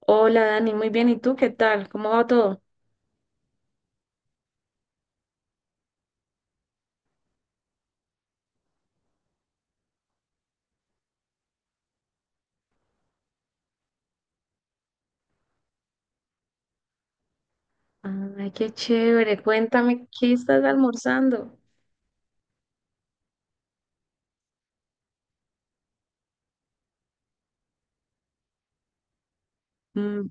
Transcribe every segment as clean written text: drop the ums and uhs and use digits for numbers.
Hola Dani, muy bien. ¿Y tú qué tal? ¿Cómo va todo? Ay, qué chévere. Cuéntame, ¿qué estás almorzando? Mm,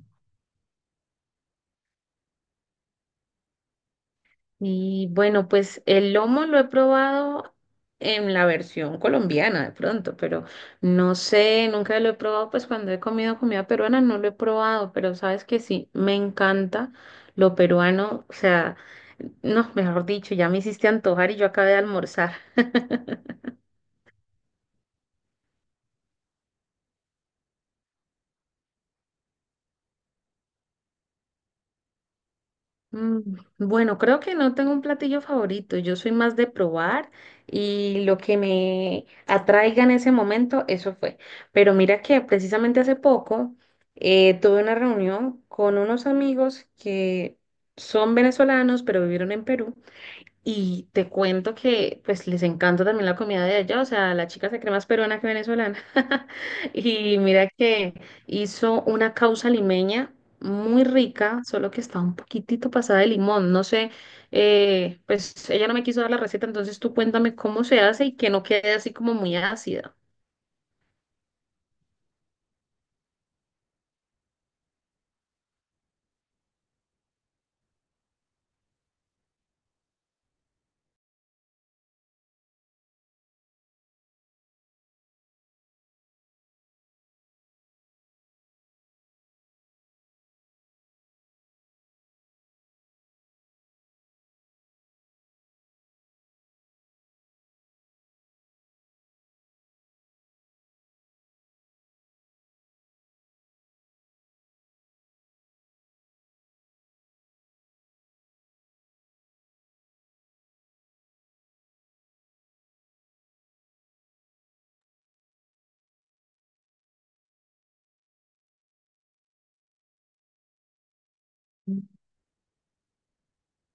y bueno, pues el lomo lo he probado en la versión colombiana de pronto, pero no sé, nunca lo he probado, pues cuando he comido comida peruana no lo he probado, pero sabes que sí, me encanta lo peruano, o sea, no, mejor dicho, ya me hiciste antojar y yo acabé de almorzar. Mm, Bueno, creo que no tengo un platillo favorito. Yo soy más de probar y lo que me atraiga en ese momento, eso fue. Pero mira que precisamente hace poco tuve una reunión con unos amigos que son venezolanos, pero vivieron en Perú. Y te cuento que pues les encanta también la comida de allá, o sea, la chica se cree más peruana que venezolana. Y mira que hizo una causa limeña muy rica, solo que está un poquitito pasada de limón. No sé, pues ella no me quiso dar la receta, entonces tú cuéntame cómo se hace y que no quede así como muy ácida.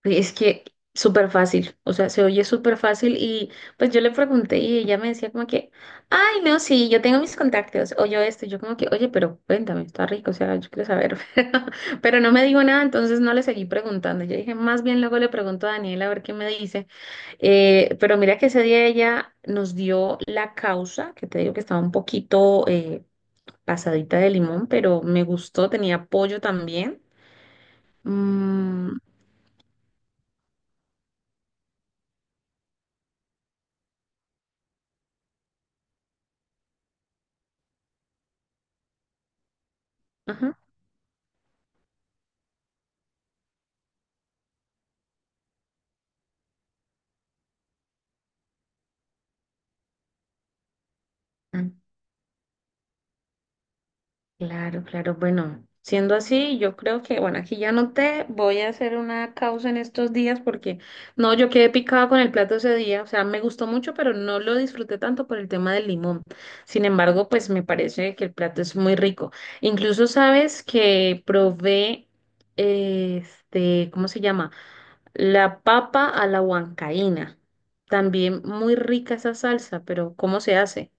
Es que súper fácil, o sea, se oye súper fácil y pues yo le pregunté y ella me decía como que, ay, no, sí, yo tengo mis contactos, o yo esto, y yo como que, oye, pero cuéntame, está rico, o sea, yo quiero saber, pero no me dijo nada, entonces no le seguí preguntando, yo dije, más bien luego le pregunto a Daniela a ver qué me dice. Pero mira que ese día ella nos dio la causa, que te digo que estaba un poquito pasadita de limón, pero me gustó, tenía pollo también. Mm, ajá. Claro, claro. Bueno, siendo así, yo creo que, bueno, aquí ya noté, voy a hacer una causa en estos días porque, no, yo quedé picada con el plato ese día, o sea, me gustó mucho, pero no lo disfruté tanto por el tema del limón. Sin embargo, pues me parece que el plato es muy rico. Incluso sabes que probé, este, ¿cómo se llama? La papa a la huancaína. También muy rica esa salsa, pero ¿cómo se hace?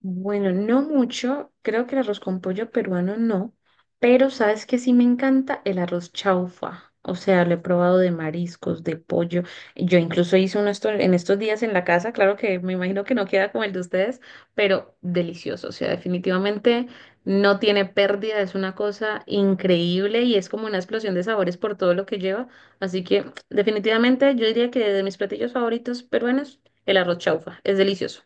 Bueno, no mucho, creo que el arroz con pollo peruano no, pero sabes que sí me encanta el arroz chaufa, o sea, lo he probado de mariscos, de pollo, yo incluso hice uno en estos días en la casa, claro que me imagino que no queda como el de ustedes, pero delicioso, o sea, definitivamente no tiene pérdida, es una cosa increíble y es como una explosión de sabores por todo lo que lleva, así que definitivamente yo diría que de mis platillos favoritos peruanos, el arroz chaufa, es delicioso.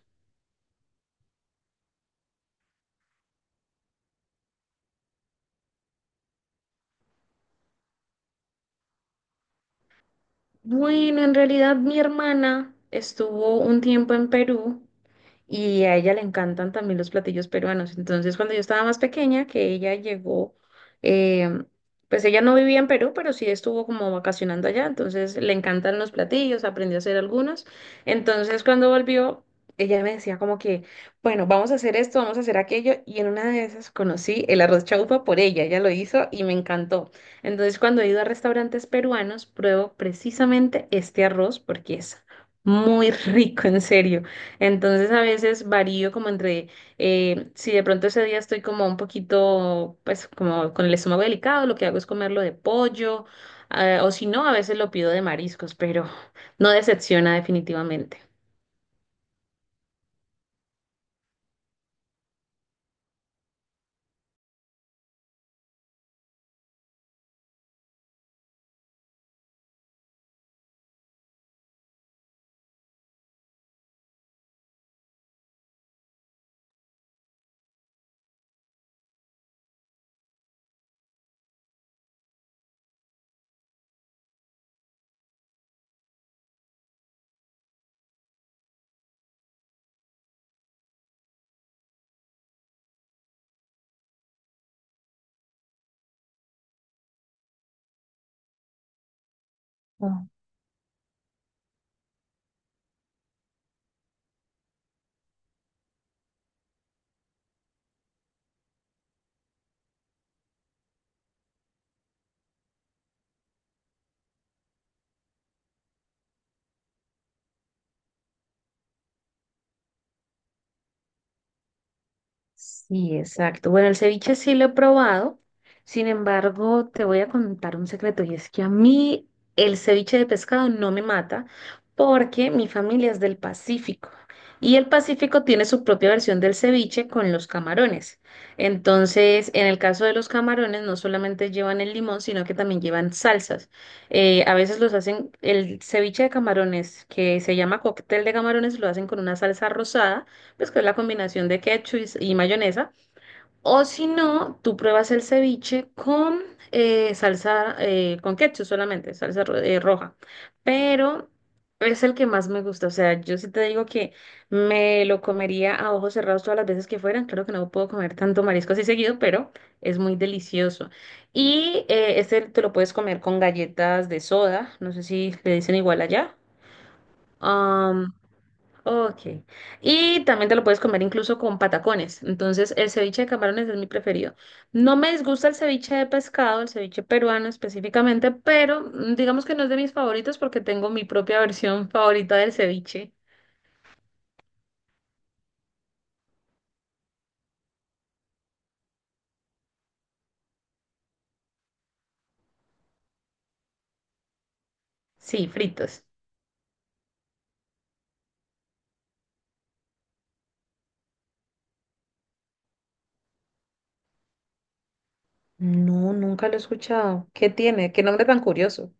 Bueno, en realidad mi hermana estuvo un tiempo en Perú y a ella le encantan también los platillos peruanos. Entonces, cuando yo estaba más pequeña, que ella llegó, eh, pues ella no vivía en Perú, pero sí estuvo como vacacionando allá, entonces le encantan los platillos, aprendió a hacer algunos. Entonces, cuando volvió, ella me decía como que, bueno, vamos a hacer esto, vamos a hacer aquello, y en una de esas conocí el arroz chaufa por ella, ella lo hizo y me encantó. Entonces, cuando he ido a restaurantes peruanos, pruebo precisamente este arroz porque es muy rico, en serio. Entonces a veces varío como entre, si de pronto ese día estoy como un poquito, pues como con el estómago delicado, lo que hago es comerlo de pollo, o si no, a veces lo pido de mariscos, pero no decepciona definitivamente. Sí, exacto. Bueno, el ceviche sí lo he probado. Sin embargo, te voy a contar un secreto y es que a mí el ceviche de pescado no me mata porque mi familia es del Pacífico y el Pacífico tiene su propia versión del ceviche con los camarones. Entonces, en el caso de los camarones, no solamente llevan el limón, sino que también llevan salsas. A veces los hacen, el ceviche de camarones, que se llama cóctel de camarones, lo hacen con una salsa rosada pues que es la combinación de ketchup y mayonesa. O si no, tú pruebas el ceviche con salsa, con ketchup solamente, salsa roja. Pero es el que más me gusta. O sea, yo sí te digo que me lo comería a ojos cerrados todas las veces que fueran. Claro que no puedo comer tanto marisco así seguido, pero es muy delicioso. Y este te lo puedes comer con galletas de soda. No sé si le dicen igual allá. Ok. Y también te lo puedes comer incluso con patacones. Entonces, el ceviche de camarones es mi preferido. No me disgusta el ceviche de pescado, el ceviche peruano específicamente, pero digamos que no es de mis favoritos porque tengo mi propia versión favorita del ceviche. Sí, fritos. No, nunca lo he escuchado. ¿Qué tiene? ¿Qué nombre tan curioso?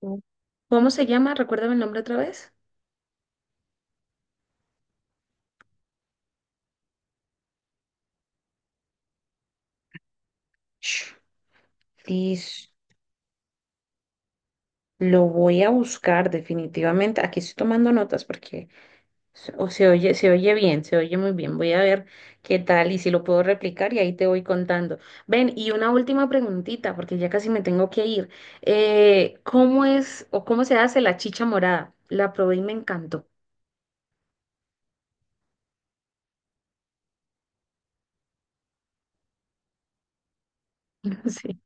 Mm. ¿Cómo se llama? Recuérdame el nombre otra vez. Sh, fish. Lo voy a buscar definitivamente. Aquí estoy tomando notas porque o se oye bien, se oye muy bien. Voy a ver qué tal y si lo puedo replicar y ahí te voy contando. Ven, y una última preguntita, porque ya casi me tengo que ir. ¿Cómo es o cómo se hace la chicha morada? La probé y me encantó. Sí.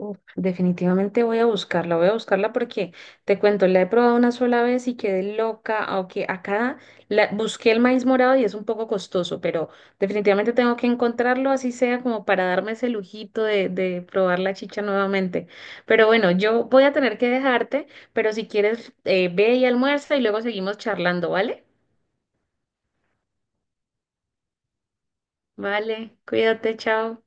Uf, definitivamente voy a buscarla porque te cuento, la he probado una sola vez y quedé loca, aunque acá busqué el maíz morado y es un poco costoso, pero definitivamente tengo que encontrarlo, así sea como para darme ese lujito de probar la chicha nuevamente. Pero bueno, yo voy a tener que dejarte, pero si quieres, ve y almuerza y luego seguimos charlando, ¿vale? Vale, cuídate, chao.